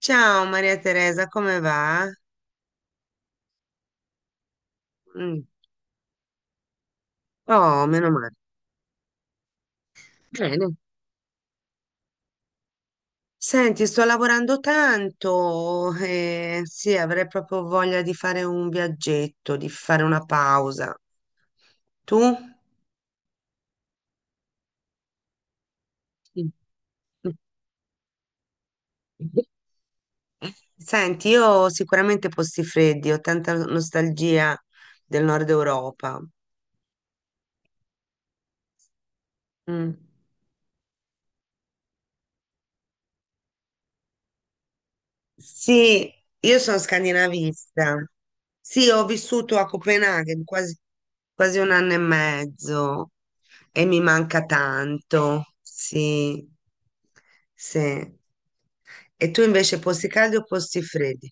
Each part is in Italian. Ciao Maria Teresa, come va? Mm. Oh, meno male. Bene. Senti, sto lavorando tanto e sì, avrei proprio voglia di fare un viaggetto, di fare una pausa. Tu? Sì. Senti, io ho sicuramente posti freddi, ho tanta nostalgia del nord Europa. Mm. Sì, io sono scandinavista. Sì, ho vissuto a Copenaghen quasi un anno e mezzo e mi manca tanto. Sì, sì. E tu invece posti caldi o posti freddi?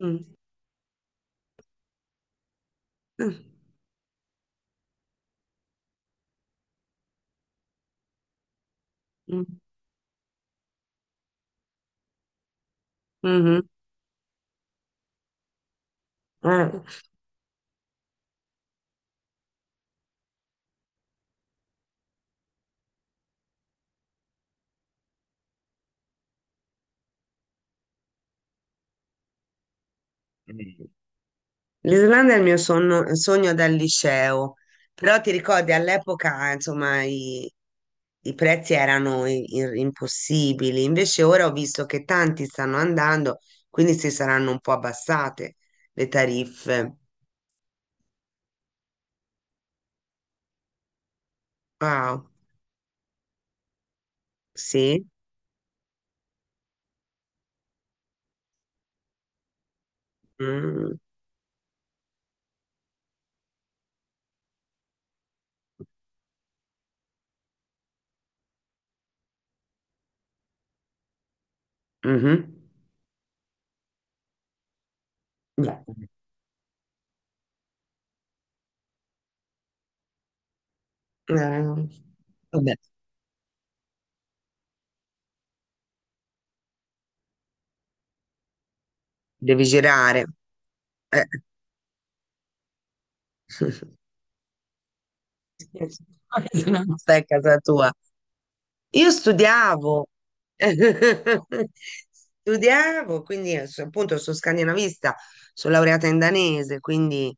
Mm. Mm. Mm. Mhm. Eh. L'Islanda è il mio sogno dal liceo, però ti ricordi all'epoca, insomma, i prezzi erano impossibili. Invece ora ho visto che tanti stanno andando, quindi si saranno un po' abbassate le tariffe. Wow, sì. Mm, mhm. Beh, eh, vabbè, devi girare. Eh. Se no stai a casa tua. Io studiavo, studiavo, quindi appunto sono scandinavista, sono laureata in danese, quindi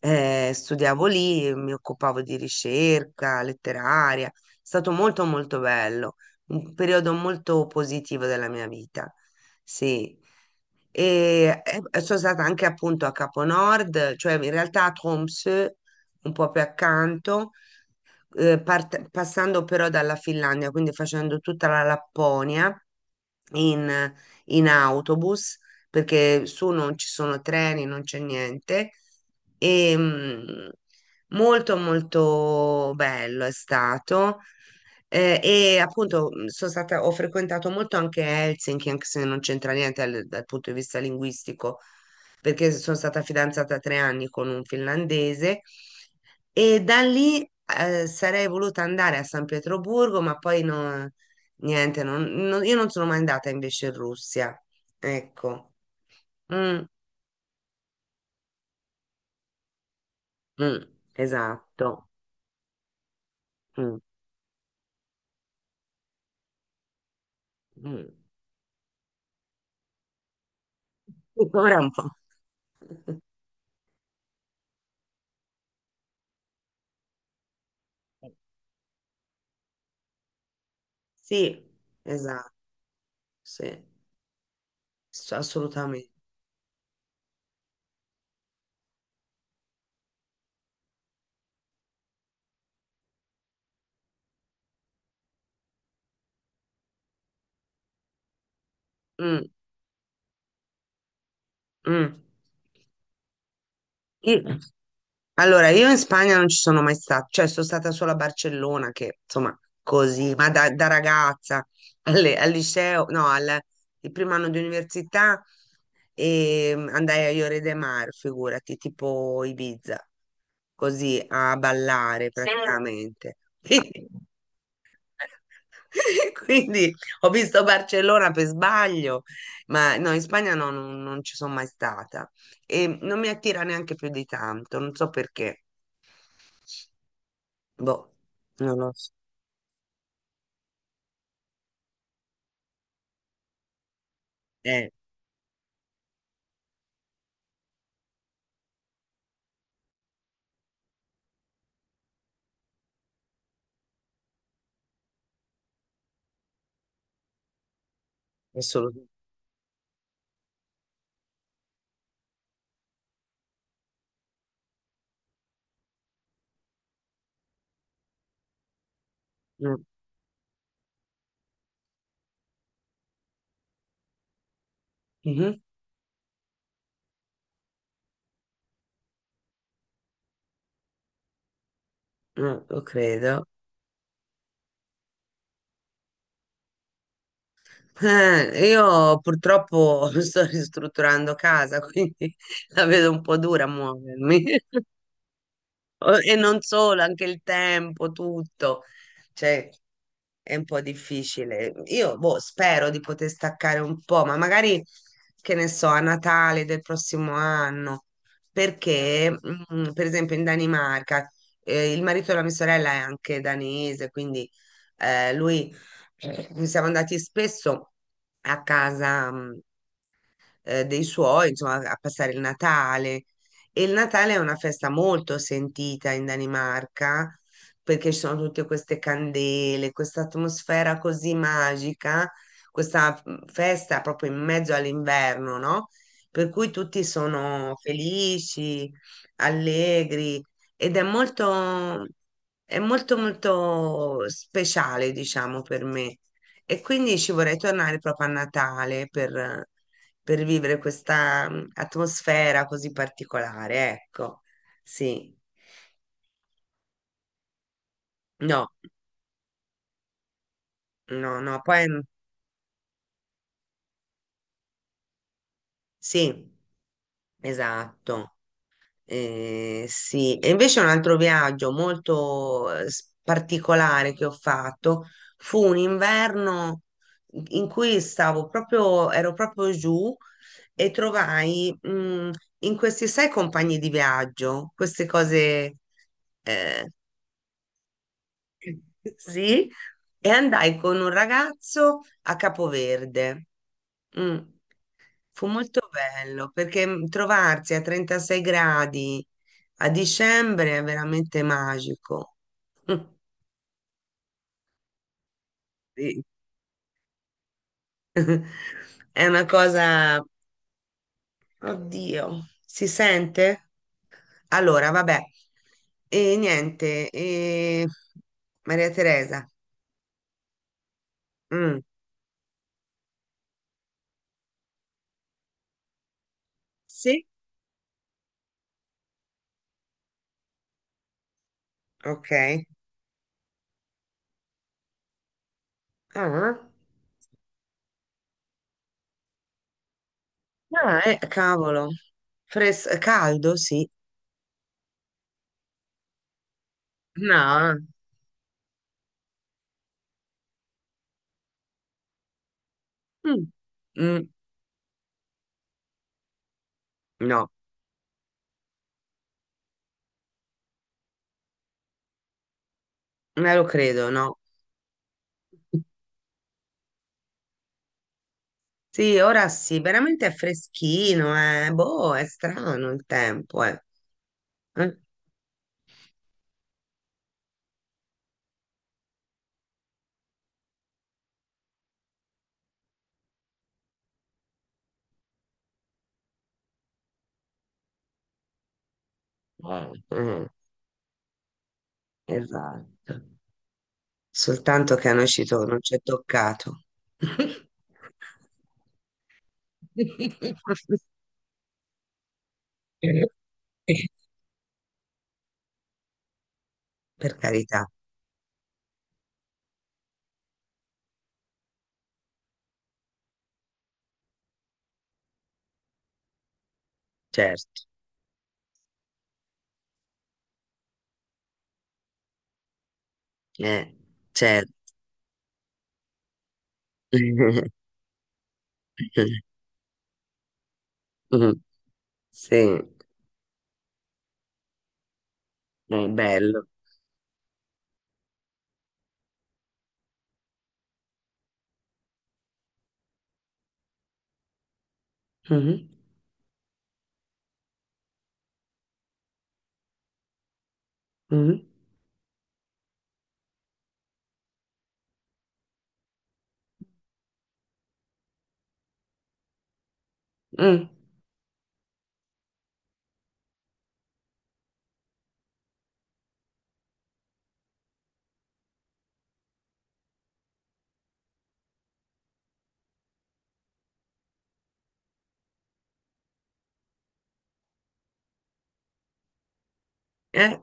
studiavo lì, mi occupavo di ricerca letteraria, è stato molto molto bello, un periodo molto positivo della mia vita, sì. E sono stata anche appunto a Capo Nord, cioè in realtà a Tromsø, un po' più accanto passando però dalla Finlandia, quindi facendo tutta la Lapponia in, in, autobus, perché su non ci sono treni, non c'è niente. E, molto molto bello è stato. E appunto sono stata, ho frequentato molto anche Helsinki, anche se non c'entra niente dal punto di vista linguistico, perché sono stata fidanzata 3 anni con un finlandese e da lì sarei voluta andare a San Pietroburgo, ma poi no, niente, io non sono mai andata invece in Russia. Ecco, mm, mm, esatto. Mm, mm. Ora un po'. Sì, esatto, sì, assolutamente. Mm, mm. Io- Allora, io in Spagna non ci sono mai stata, cioè sono stata solo a Barcellona, che insomma così, ma da ragazza al liceo, no, al il primo anno di università e andai a Lloret de Mar, figurati, tipo Ibiza, così a ballare, sì, praticamente. Quindi, quindi ho visto Barcellona per sbaglio, ma no, in Spagna no, non ci sono mai stata e non mi attira neanche più di tanto, non so perché. Boh, non lo so. Eh, assolutamente. Mm, mhm, no, lo credo. Io purtroppo sto ristrutturando casa, quindi la vedo un po' dura a muovermi. E non solo, anche il tempo, tutto. Cioè, è un po' difficile. Io, boh, spero di poter staccare un po', ma magari, che ne so, a Natale del prossimo anno, perché, per esempio, in Danimarca, il marito della mia sorella è anche danese, quindi lui, siamo andati spesso a casa, dei suoi, insomma, a passare il Natale. E il Natale è una festa molto sentita in Danimarca perché ci sono tutte queste candele, questa atmosfera così magica, questa festa proprio in mezzo all'inverno, no? Per cui tutti sono felici, allegri ed è molto, molto speciale, diciamo, per me. E quindi ci vorrei tornare proprio a Natale per vivere questa atmosfera così particolare, ecco, sì. No, no, no, poi sì, esatto. Sì, e invece un altro viaggio molto particolare che ho fatto fu un inverno in cui stavo proprio, ero proprio giù e trovai in questi sei compagni di viaggio, queste cose, eh, sì, e andai con un ragazzo a Capoverde. Mm, fu molto bello perché trovarsi a 36 gradi a dicembre è veramente magico. Sì. È una cosa, oddio, si sente? Allora, vabbè, e niente, e... Maria Teresa. Mm, sì, ok. Ah. Ah, cavolo. Caldo, sì. No. Mm. Mm, no, non lo credo, no. Sì, ora sì, veramente è freschino, eh. Boh, è strano il tempo, eh. Eh? Eh, eh, esatto. Soltanto che a noi non ci è toccato. Per carità, certo. Eh, certo. Mm, sì, è bello. Mhm, mhm, mm, eh,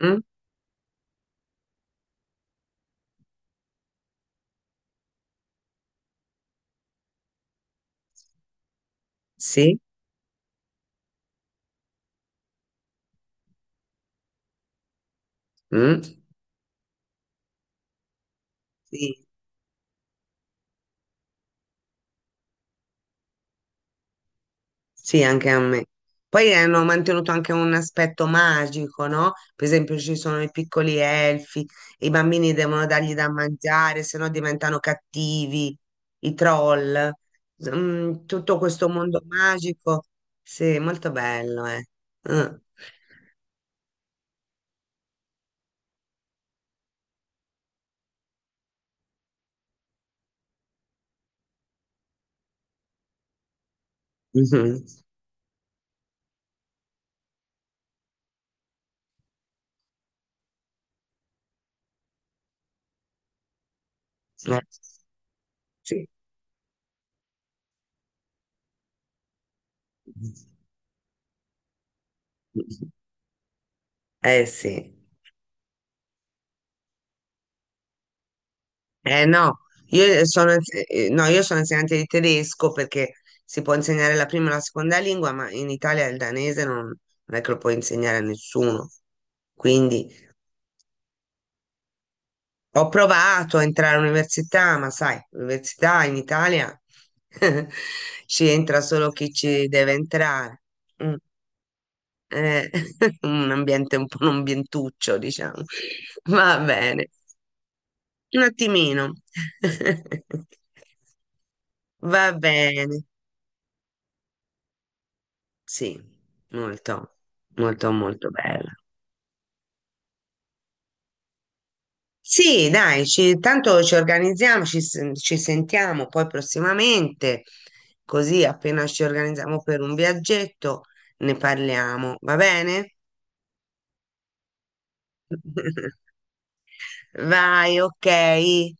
mm, sì, mm, sì, sì, anche a me. Poi hanno mantenuto anche un aspetto magico, no? Per esempio ci sono i piccoli elfi, i bambini devono dargli da mangiare, se no diventano cattivi, i troll. Mm, tutto questo mondo magico, sì, molto bello, eh. Mm. Mhm. Eh, sì. Eh sì, eh no, io sono, no, io sono insegnante di tedesco perché si può insegnare la prima e la seconda lingua, ma in Italia il danese non, è che lo puoi insegnare a nessuno. Quindi ho provato a entrare all'università, ma sai, l'università in Italia ci entra solo chi ci deve entrare. Mm, eh, un ambiente un po' un ambientuccio, diciamo. Va bene, un attimino. Va bene, sì, molto, molto, molto bella. Sì, dai, tanto ci organizziamo, ci sentiamo poi prossimamente, così appena ci organizziamo per un viaggetto ne parliamo, va bene? Vai, ok.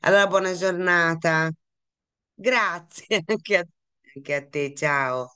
Allora, buona giornata. Grazie anche a te, ciao.